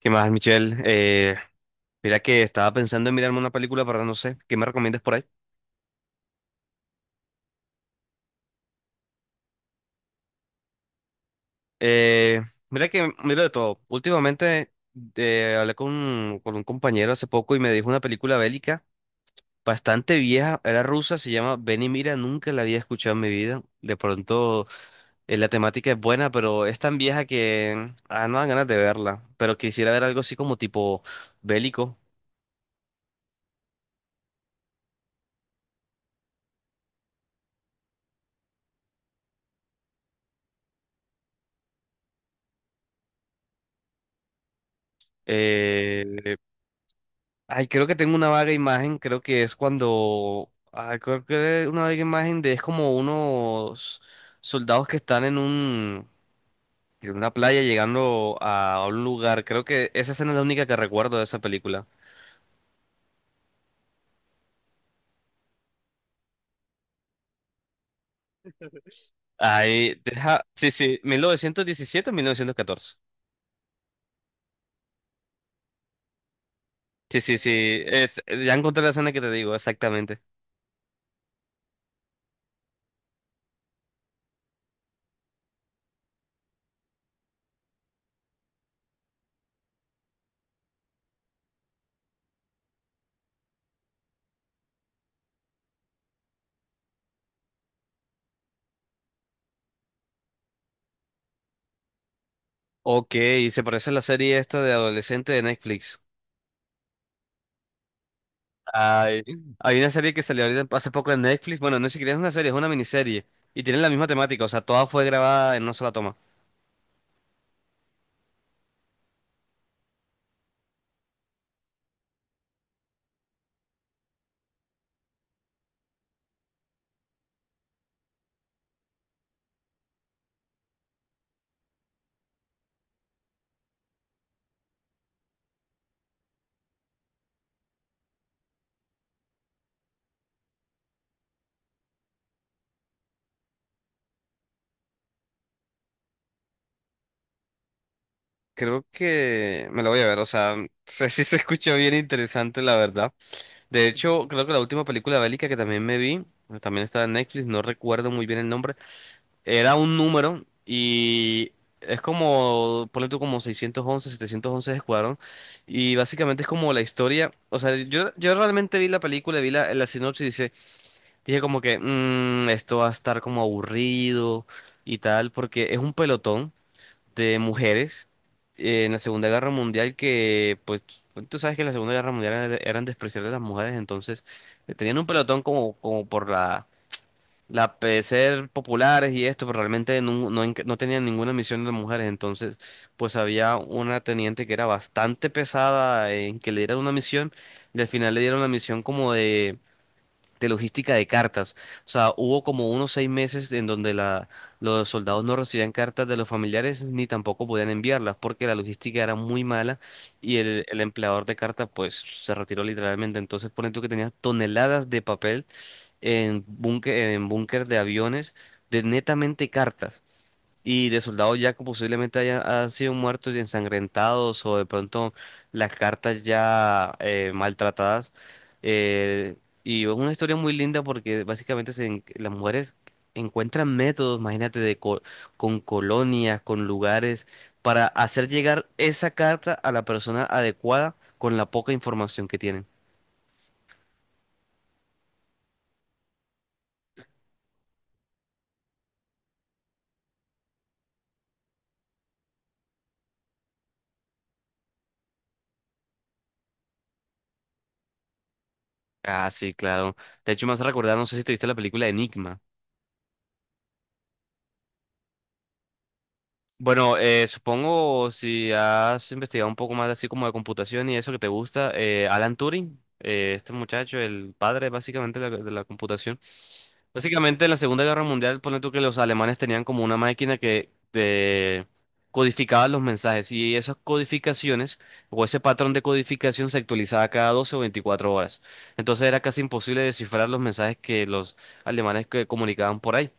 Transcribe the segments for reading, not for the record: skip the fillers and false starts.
¿Qué más, Michelle? Mira que estaba pensando en mirarme una película, pero no sé, ¿qué me recomiendas por ahí? Eh, mira que miro de todo. Últimamente hablé con un compañero hace poco y me dijo una película bélica bastante vieja, era rusa, se llama Ven y mira, nunca la había escuchado en mi vida. De pronto la temática es buena, pero es tan vieja que no dan ganas de verla, pero quisiera ver algo así como tipo bélico. Eh, Ay, creo que tengo una vaga imagen, creo que es cuando, ay, creo que es una vaga imagen de es como unos soldados que están en en una playa llegando a un lugar. Creo que esa escena es la única que recuerdo de esa película. Ay, deja, sí, sí, mil novecientos diecisiete, 1914. Sí, sí, sí, ya encontré la escena que te digo, exactamente. Ok, se parece a la serie esta de adolescente de Netflix. Ay, hay una serie que salió ahorita hace poco en Netflix. Bueno, no es siquiera es una serie, es una miniserie. Y tienen la misma temática, o sea, toda fue grabada en una sola toma. Creo que me la voy a ver, o sea, sé si se escucha bien interesante, la verdad. De hecho, creo que la última película bélica que también me vi, también estaba en Netflix, no recuerdo muy bien el nombre, era un número y es como, ponle tú como 611, 711 de Escuadrón. Y básicamente es como la historia, o sea, yo realmente vi la película, vi la sinopsis. Dije como que "Mm, esto va a estar como aburrido y tal", porque es un pelotón de mujeres en la Segunda Guerra Mundial que, pues, tú sabes que en la Segunda Guerra Mundial eran despreciables las mujeres, entonces tenían un pelotón como, como por la ser populares y esto, pero realmente no, no, no tenían ninguna misión de mujeres, entonces, pues había una teniente que era bastante pesada en que le dieran una misión y al final le dieron una misión como de logística de cartas. O sea, hubo como unos 6 meses en donde los soldados no recibían cartas de los familiares ni tampoco podían enviarlas porque la logística era muy mala y el empleador de cartas pues se retiró literalmente. Entonces, ponen tú que tenías toneladas de papel en búnker de aviones de netamente cartas. Y de soldados ya que posiblemente han sido muertos y ensangrentados o de pronto las cartas ya maltratadas. Eh, y es una historia muy linda porque básicamente las mujeres encuentran métodos, imagínate, con colonias, con lugares, para hacer llegar esa carta a la persona adecuada con la poca información que tienen. Ah, sí, claro. De hecho, me hace recordar, no sé si te viste la película Enigma. Bueno, supongo si has investigado un poco más así como de computación y eso que te gusta, Alan Turing, este muchacho, el padre básicamente de de la computación. Básicamente en la Segunda Guerra Mundial, ponle tú que los alemanes tenían como una máquina que te codificaba los mensajes y esas codificaciones o ese patrón de codificación se actualizaba cada 12 o 24 horas. Entonces era casi imposible descifrar los mensajes que los alemanes que comunicaban por ahí.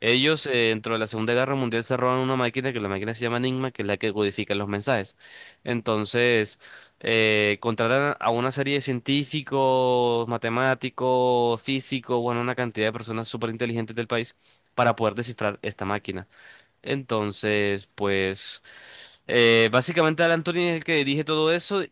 Ellos, dentro de la Segunda Guerra Mundial, se roban una máquina que la máquina se llama Enigma, que es la que codifica los mensajes. Entonces, contratan a una serie de científicos, matemáticos, físicos, bueno, una cantidad de personas súper inteligentes del país para poder descifrar esta máquina. Entonces, pues. Básicamente Alan Turing es el que dirige todo eso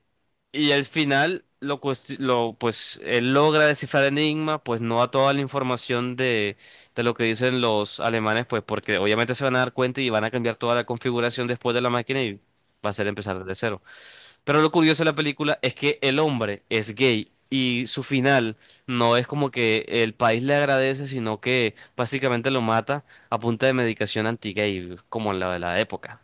y al final lo pues él logra descifrar el enigma, pues no a toda la información de lo que dicen los alemanes, pues porque obviamente se van a dar cuenta y van a cambiar toda la configuración después de la máquina y va a ser empezar desde cero. Pero lo curioso de la película es que el hombre es gay y su final no es como que el país le agradece, sino que básicamente lo mata a punta de medicación anti-gay, como la de la época.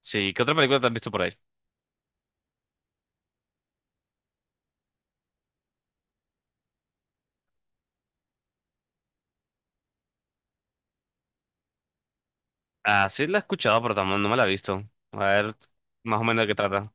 Sí, ¿qué otra película te has visto por ahí? Ah, sí la he escuchado, pero tampoco no me la he visto. A ver, más o menos de qué trata.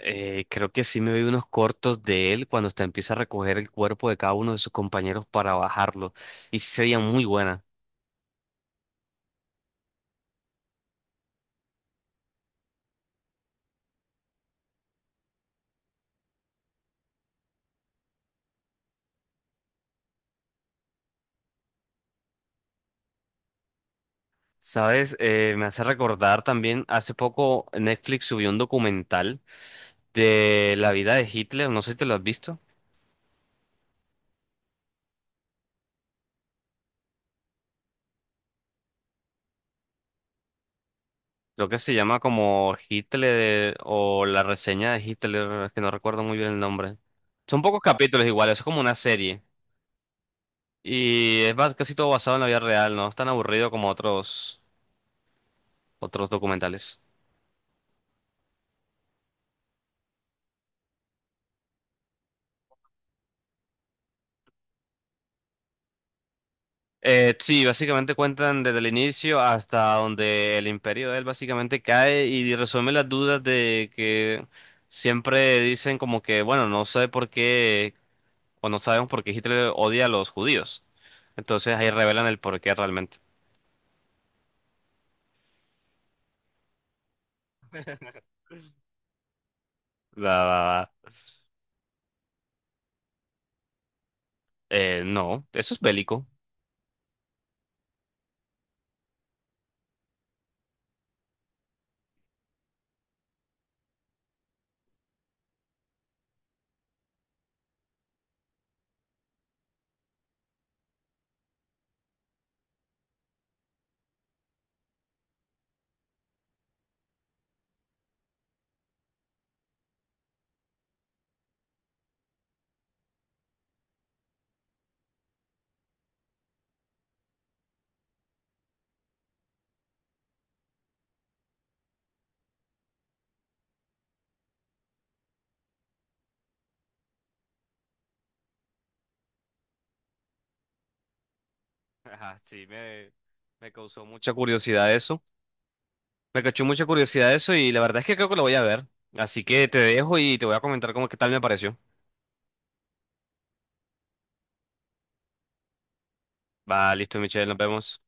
Creo que sí me vi unos cortos de él cuando hasta empieza a recoger el cuerpo de cada uno de sus compañeros para bajarlo. Y sí sería muy buena. ¿Sabes? Me hace recordar también, hace poco Netflix subió un documental de la vida de Hitler, no sé si te lo has visto. Creo que se llama como Hitler o la reseña de Hitler, es que no recuerdo muy bien el nombre. Son pocos capítulos igual, es como una serie. Y casi todo basado en la vida real, ¿no? Es tan aburrido como otros documentales. Sí, básicamente cuentan desde el inicio hasta donde el imperio de él básicamente cae y resuelve las dudas de que siempre dicen como que, bueno, no sé por qué, o no sabemos por qué Hitler odia a los judíos. Entonces ahí revelan el por qué realmente. La, no, eso es bélico. Ajá, sí, me causó mucha curiosidad eso. Me cachó mucha curiosidad eso y la verdad es que creo que lo voy a ver. Así que te dejo y te voy a comentar cómo qué tal me pareció. Va, listo, Michelle, nos vemos.